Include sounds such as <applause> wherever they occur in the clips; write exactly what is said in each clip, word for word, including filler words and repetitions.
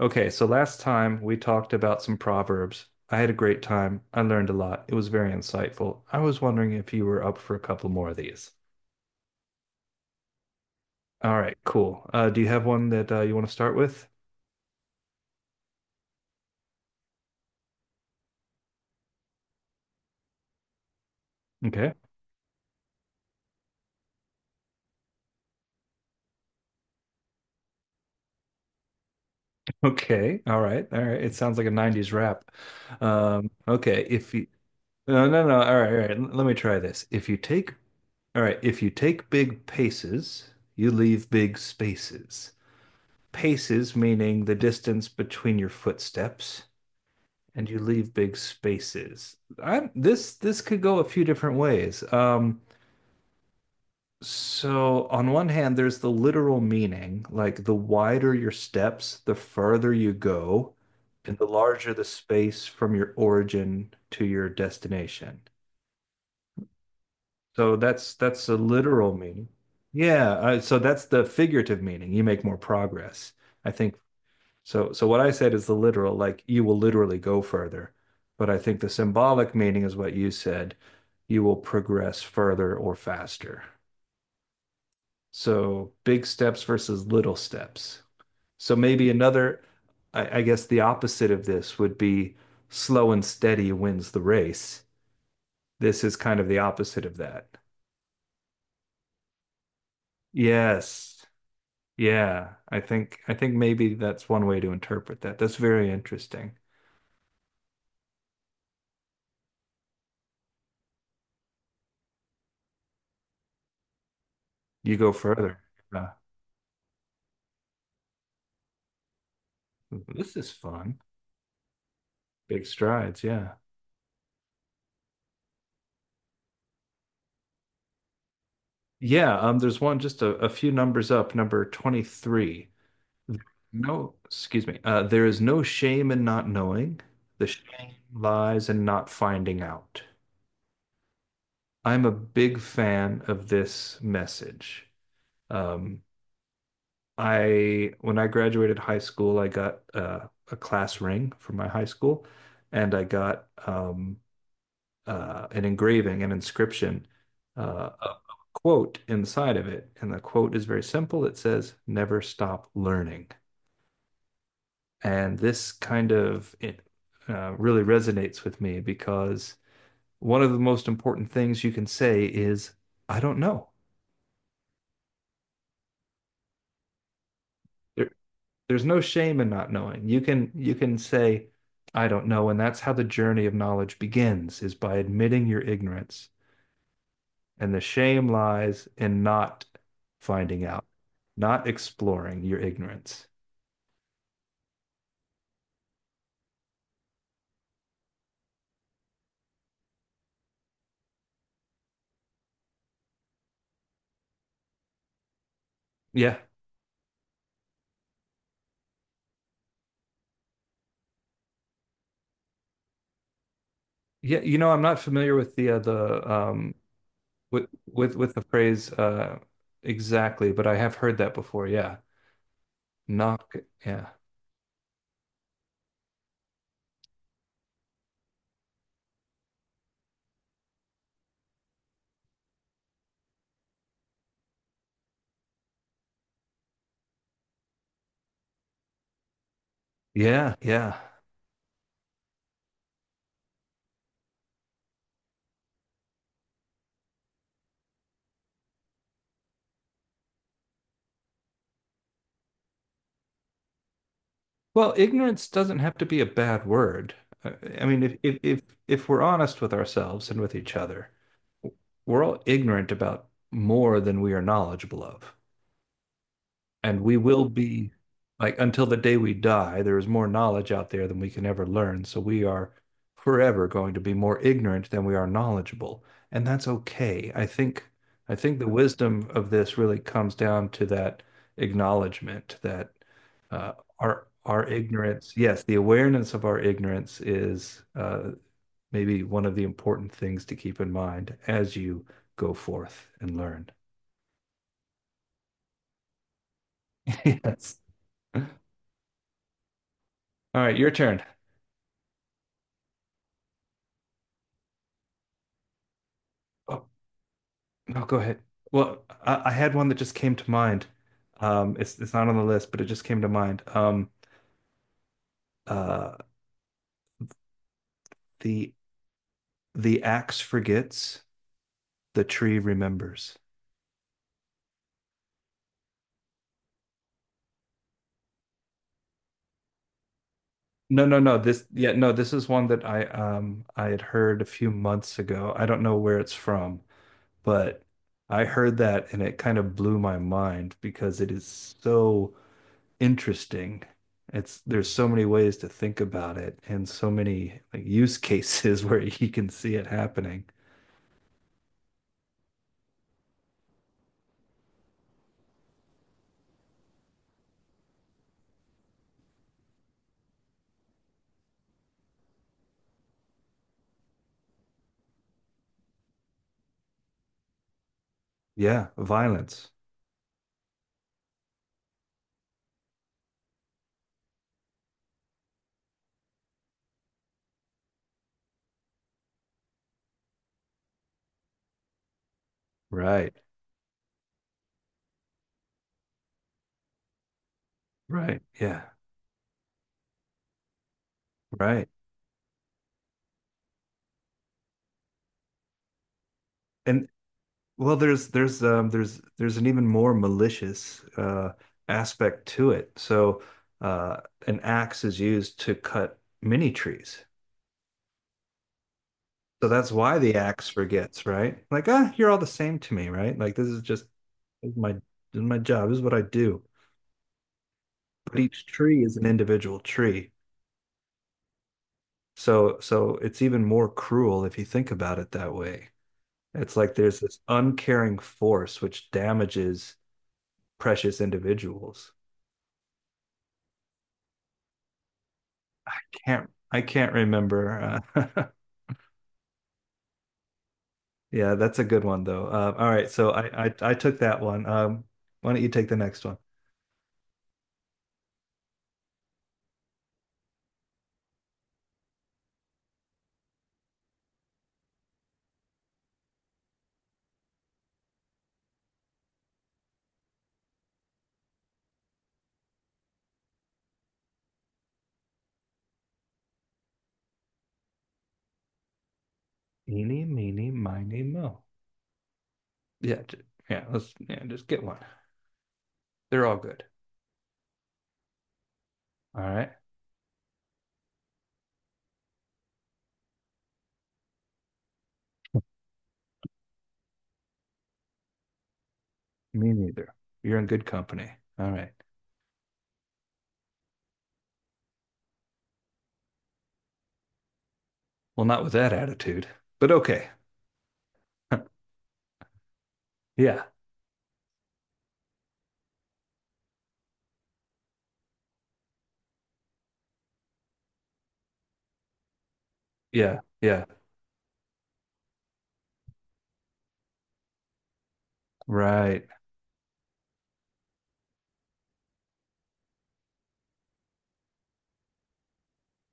Okay, so last time we talked about some proverbs. I had a great time. I learned a lot. It was very insightful. I was wondering if you were up for a couple more of these. All right, cool. Uh, do you have one that uh, you want to start with? Okay. Okay. All right. All right. It sounds like a nineties rap. Um, okay. If you, no, no, no. All right. All right. L- Let me try this. If you take, all right. If you take big paces, you leave big spaces. Paces meaning the distance between your footsteps. And you leave big spaces. I this this could go a few different ways. Um, so on one hand, there's the literal meaning, like the wider your steps, the further you go, and the larger the space from your origin to your destination. So that's that's a literal meaning. Yeah, uh, so that's the figurative meaning. You make more progress. I think. So, so what I said is the literal, like you will literally go further. But I think the symbolic meaning is what you said. You will progress further or faster. So big steps versus little steps. So maybe another, I, I guess the opposite of this would be slow and steady wins the race. This is kind of the opposite of that. Yes. Yeah. I think I think maybe that's one way to interpret that. That's very interesting. You go further. Uh, this is fun. Big strides, yeah. Yeah, um, there's one just a, a few numbers up, number twenty-three. No, excuse me. Uh, there is no shame in not knowing. The shame lies in not finding out. I'm a big fan of this message. Um, I when I graduated high school, I got uh, a class ring from my high school, and I got um, uh, an engraving, an inscription, uh, a quote inside of it. And the quote is very simple. It says, "Never stop learning." And this kind of it, uh, really resonates with me because one of the most important things you can say is, "I don't know." There, there's no shame in not knowing. You can you can say, "I don't know," and that's how the journey of knowledge begins, is by admitting your ignorance. And the shame lies in not finding out, not exploring your ignorance. Yeah. Yeah, you know, I'm not familiar with the uh, the um with with with the phrase uh exactly, but I have heard that before. Yeah. Knock. Yeah. Yeah, yeah. Well, ignorance doesn't have to be a bad word. Uh, I mean, if if if if we're honest with ourselves and with each other, we're all ignorant about more than we are knowledgeable of. And we will be, like, until the day we die there is more knowledge out there than we can ever learn, so we are forever going to be more ignorant than we are knowledgeable, and that's okay. I think i think the wisdom of this really comes down to that acknowledgement that uh, our our ignorance, yes, the awareness of our ignorance is uh, maybe one of the important things to keep in mind as you go forth and learn. <laughs> Yes, all right, your turn. No, go ahead. Well, I, I had one that just came to mind. Um, it's it's not on the list, but it just came to mind. Um, uh, the the axe forgets, the tree remembers. No, no, no. This yeah, no. This is one that I um I had heard a few months ago. I don't know where it's from, but I heard that and it kind of blew my mind because it is so interesting. It's there's so many ways to think about it and so many like use <laughs> cases where you can see it happening. Yeah, violence. Right. Right. Yeah. Right. And well, there's there's um there's there's an even more malicious uh aspect to it. So uh an axe is used to cut mini trees. So that's why the axe forgets, right? Like, ah, you're all the same to me, right? Like this is just this is my this is my job. This is what I do. But each tree is an individual tree. So so it's even more cruel if you think about it that way. It's like there's this uncaring force which damages precious individuals. Can't I can't remember. Uh, <laughs> yeah, that's a good one though. Uh, all right, so I, I I took that one. Um, why don't you take the next one? Eeny, meeny, miny, mo. Yeah, j- yeah. Let's yeah, just get one. They're all good. All right. Me neither. You're in good company. All right. Well, not with that attitude, but okay. Yeah, yeah, yeah. Right.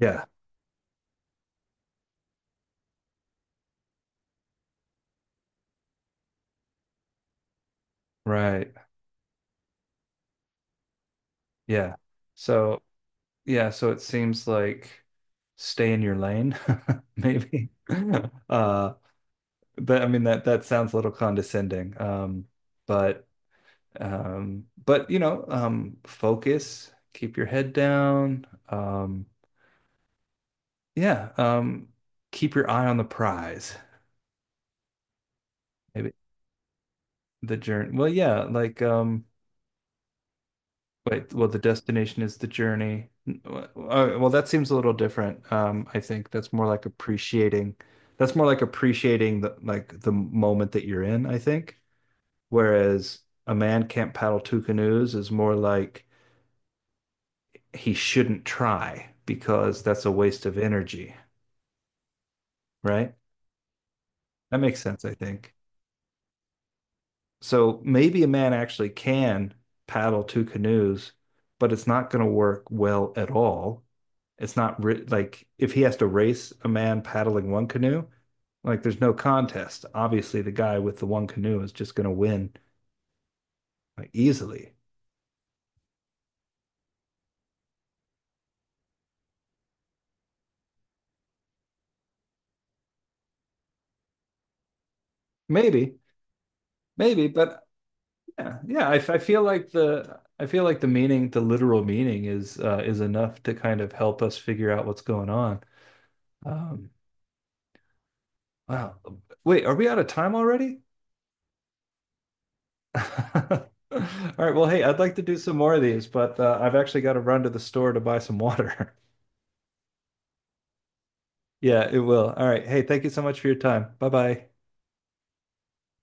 Yeah, right. Yeah. So, yeah, so it seems like stay in your lane, <laughs> maybe. <laughs> Uh, but I mean that that sounds a little condescending. Um, but um, but you know, um, focus, keep your head down. Um, yeah, um, keep your eye on the prize. Maybe the journey. Well, yeah, like um. Wait, well, the destination is the journey. N- w- uh, Well, that seems a little different. Um, I think that's more like appreciating. That's more like appreciating the like the moment that you're in, I think. Whereas a man can't paddle two canoes is more like he shouldn't try because that's a waste of energy, right? That makes sense, I think. So maybe a man actually can paddle two canoes, but it's not going to work well at all. It's not ri like if he has to race a man paddling one canoe, like there's no contest. Obviously, the guy with the one canoe is just going to win like, easily. Maybe, maybe, but yeah, yeah. I, I feel like the I feel like the meaning, the literal meaning, is uh, is enough to kind of help us figure out what's going on. Um, wow. Wait, are we out of time already? <laughs> All right. Well, hey, I'd like to do some more of these, but uh, I've actually got to run to the store to buy some water. <laughs> Yeah, it will. All right. Hey, thank you so much for your time. Bye bye.